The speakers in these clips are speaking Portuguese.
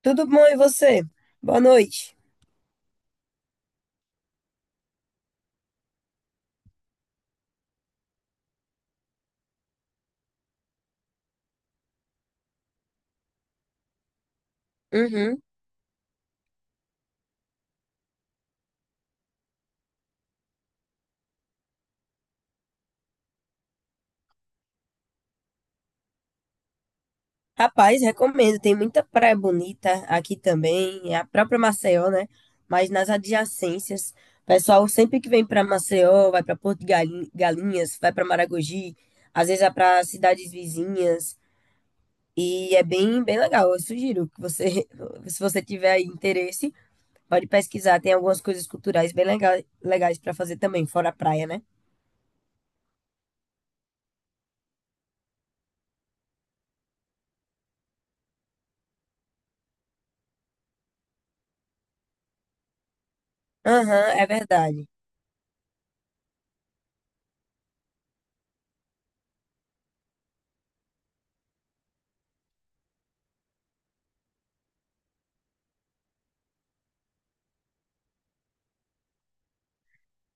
Tudo bom, e você? Boa noite. Uhum. Rapaz, recomendo. Tem muita praia bonita aqui também, é a própria Maceió, né? Mas nas adjacências, pessoal sempre que vem para Maceió, vai para Porto de Galinhas, vai para Maragogi, às vezes vai para cidades vizinhas e é bem legal. Eu sugiro que você, se você tiver aí interesse, pode pesquisar. Tem algumas coisas culturais bem legais para fazer também, fora a praia, né? Aham, é verdade.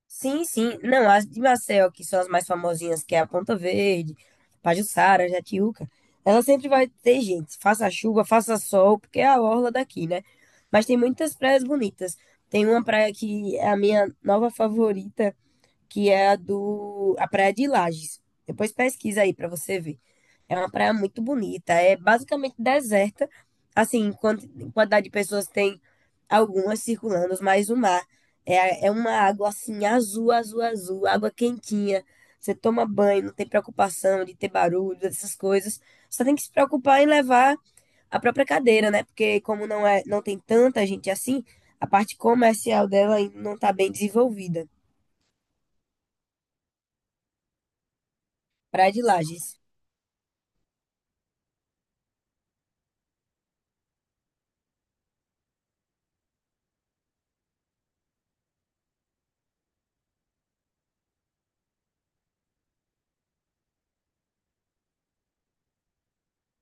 Sim, sim. Não, as de Maceió, que são as mais famosinhas, que é a Ponta Verde, Pajuçara, Jatiúca, ela sempre vai ter gente, faça chuva, faça sol, porque é a orla daqui, né? Mas tem muitas praias bonitas. Tem uma praia que é a minha nova favorita, que é a Praia de Lages. Depois pesquisa aí pra você ver. É uma praia muito bonita, é basicamente deserta. Assim, quantidade de pessoas tem algumas circulando, mas o mar é uma água assim, azul, azul, azul, água quentinha. Você toma banho, não tem preocupação de ter barulho, dessas coisas. Só tem que se preocupar em levar a própria cadeira, né? Porque como não é, não tem tanta gente assim, a parte comercial dela ainda não está bem desenvolvida. Praia de Lages.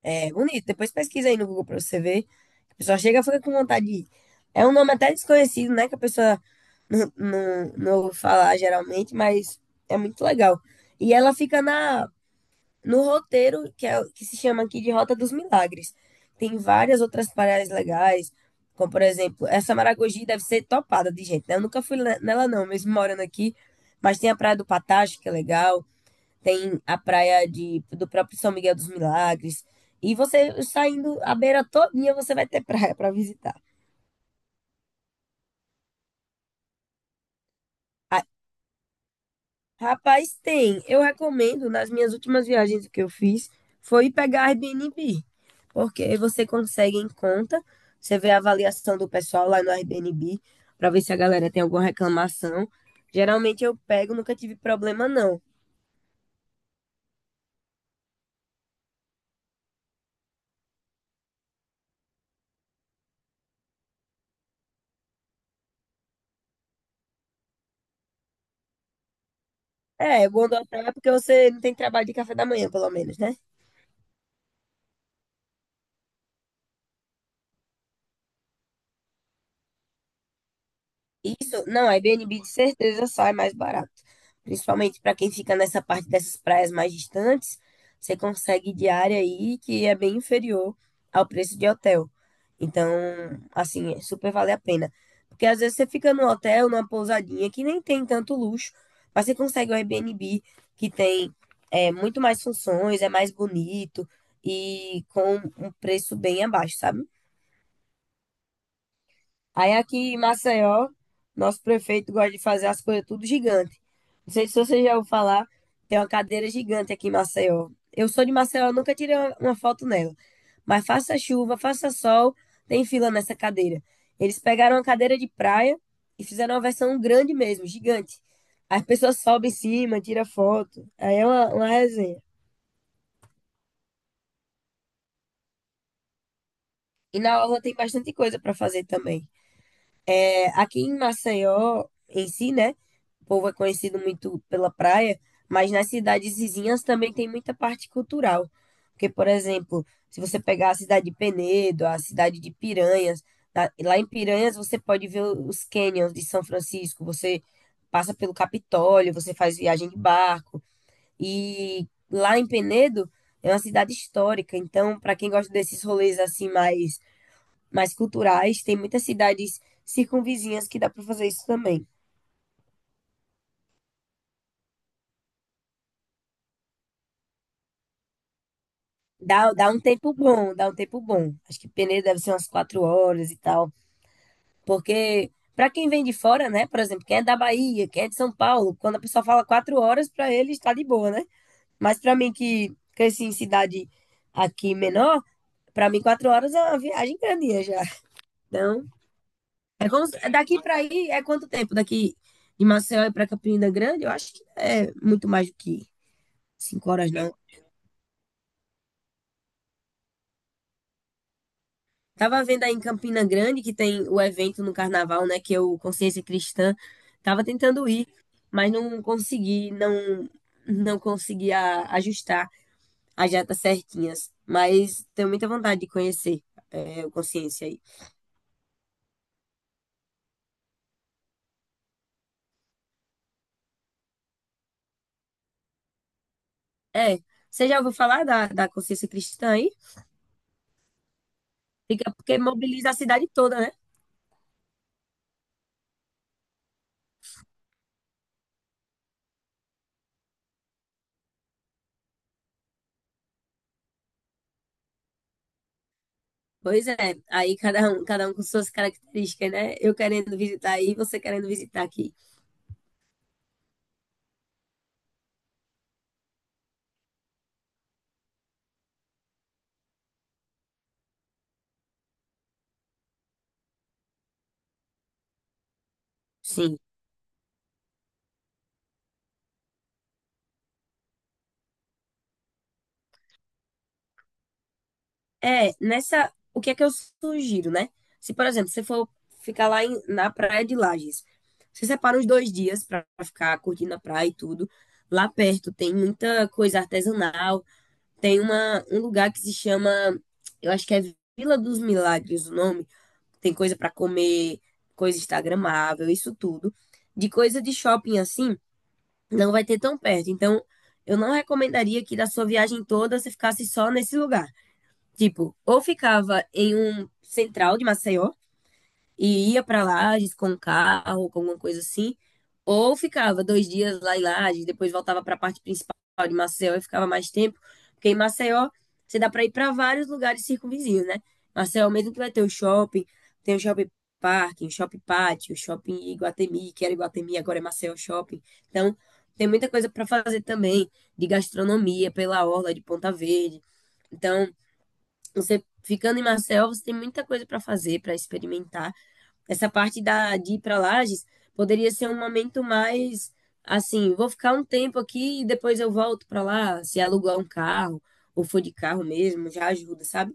É bonito. Depois pesquisa aí no Google para você ver. A pessoa chega fica com vontade de ir. É um nome até desconhecido, né? Que a pessoa não ouve falar geralmente, mas é muito legal. E ela fica na, no roteiro que, é, que se chama aqui de Rota dos Milagres. Tem várias outras praias legais, como por exemplo, essa Maragogi deve ser topada de gente, né? Eu nunca fui nela não, mesmo morando aqui, mas tem a Praia do Patacho, que é legal. Tem a praia de, do próprio São Miguel dos Milagres. E você saindo a beira todinha, você vai ter praia para visitar. Ah, rapaz, tem. Eu recomendo, nas minhas últimas viagens que eu fiz, foi pegar Airbnb. Porque você consegue em conta, você vê a avaliação do pessoal lá no Airbnb, para ver se a galera tem alguma reclamação. Geralmente eu pego, nunca tive problema, não. É, o bom do hotel é porque você não tem trabalho de café da manhã, pelo menos, né? Isso, não, a Airbnb de certeza sai mais barato. Principalmente para quem fica nessa parte dessas praias mais distantes, você consegue diária aí que é bem inferior ao preço de hotel. Então, assim, é super vale a pena. Porque às vezes você fica num hotel, numa pousadinha que nem tem tanto luxo, mas você consegue um Airbnb que tem é, muito mais funções, é mais bonito e com um preço bem abaixo, sabe? Aí aqui em Maceió, nosso prefeito gosta de fazer as coisas tudo gigante. Não sei se você já ouviu falar, tem uma cadeira gigante aqui em Maceió. Eu sou de Maceió, nunca tirei uma foto nela. Mas faça chuva, faça sol, tem fila nessa cadeira. Eles pegaram uma cadeira de praia e fizeram uma versão grande mesmo, gigante. As pessoas sobem em cima, tiram foto. Aí é uma resenha. E na orla tem bastante coisa para fazer também. É, aqui em Maceió, em si, né? O povo é conhecido muito pela praia, mas nas cidades vizinhas também tem muita parte cultural. Porque, por exemplo, se você pegar a cidade de Penedo, a cidade de Piranhas, tá? Lá em Piranhas você pode ver os cânions de São Francisco, você passa pelo Capitólio, você faz viagem de barco. E lá em Penedo é uma cidade histórica, então, para quem gosta desses rolês assim mais culturais. Tem muitas cidades circunvizinhas que dá para fazer isso também. Dá, dá um tempo bom, dá um tempo bom. Acho que Peneira deve ser umas 4 horas e tal. Porque, para quem vem de fora, né? Por exemplo, quem é da Bahia, quem é de São Paulo, quando a pessoa fala 4 horas, para ele está de boa, né? Mas para mim, que cresci em cidade aqui menor, para mim, 4 horas é uma viagem grandinha já. Então, é como daqui para aí é quanto tempo? Daqui de Maceió e para Campina Grande, eu acho que é muito mais do que 5 horas, não. Tava vendo aí em Campina Grande que tem o evento no carnaval, né? Que é o Consciência Cristã. Tava tentando ir, mas não consegui, ajustar as datas certinhas. Mas tenho muita vontade de conhecer é, o Consciência aí. É, você já ouviu falar da Consciência Cristã aí? Fica porque mobiliza a cidade toda, né? Pois é, aí cada um com suas características, né? Eu querendo visitar aí, você querendo visitar aqui. Sim. É, nessa. O que é que eu sugiro, né? Se, por exemplo, você for ficar lá na praia de Lages, você separa uns 2 dias pra ficar curtindo a praia e tudo. Lá perto tem muita coisa artesanal. Tem uma, um lugar que se chama. Eu acho que é Vila dos Milagres o nome. Tem coisa pra comer, coisa instagramável, isso tudo. De coisa de shopping assim, não vai ter tão perto. Então, eu não recomendaria que da sua viagem toda você ficasse só nesse lugar. Tipo, ou ficava em um central de Maceió e ia pra Lages com um carro, com alguma coisa assim, ou ficava 2 dias lá em Lages, depois voltava pra parte principal de Maceió e ficava mais tempo, porque em Maceió você dá pra ir pra vários lugares circunvizinhos, né? Maceió mesmo que vai ter o shopping, tem o shopping parking, o shopping pátio, o shopping Iguatemi, que era Iguatemi, agora é Maceió Shopping. Então, tem muita coisa pra fazer também, de gastronomia pela orla de Ponta Verde. Então, você ficando em Marcel, você tem muita coisa para fazer, para experimentar. Essa parte da, de ir para Lages poderia ser um momento mais assim, vou ficar um tempo aqui e depois eu volto para lá, se alugar um carro ou for de carro mesmo, já ajuda, sabe?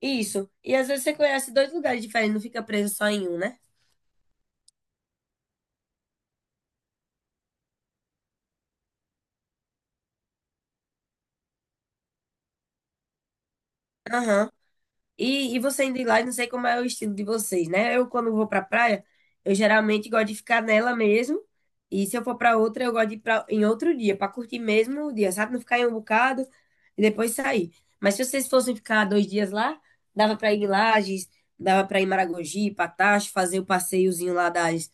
Isso. E às vezes você conhece dois lugares diferentes, não fica preso só em um, né? Aham. E você indo lá, eu não sei como é o estilo de vocês, né? Eu, quando vou pra praia, eu geralmente gosto de ficar nela mesmo. E se eu for pra outra, eu gosto de ir pra, em outro dia, pra curtir mesmo o dia, sabe? Não ficar em um bocado e depois sair. Mas se vocês fossem ficar 2 dias lá, dava pra ir em Lages, dava pra ir em Maragogi, Patacho, fazer o passeiozinho lá das,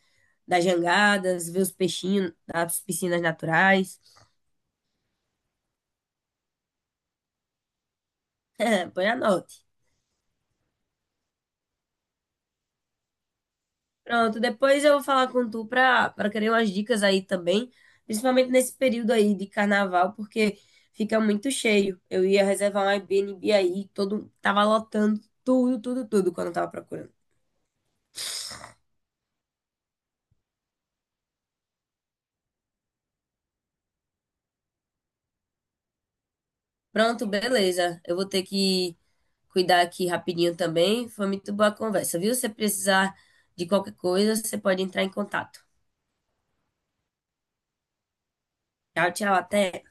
das jangadas, ver os peixinhos, das piscinas naturais. Põe a nota. Pronto, depois eu vou falar com tu pra querer umas dicas aí também, principalmente nesse período aí de carnaval, porque fica muito cheio. Eu ia reservar um Airbnb aí, todo, tava lotando tudo, tudo, tudo quando eu tava procurando. Pronto, beleza. Eu vou ter que cuidar aqui rapidinho também. Foi muito boa a conversa, viu? Se precisar de qualquer coisa, você pode entrar em contato. Tchau, tchau, até.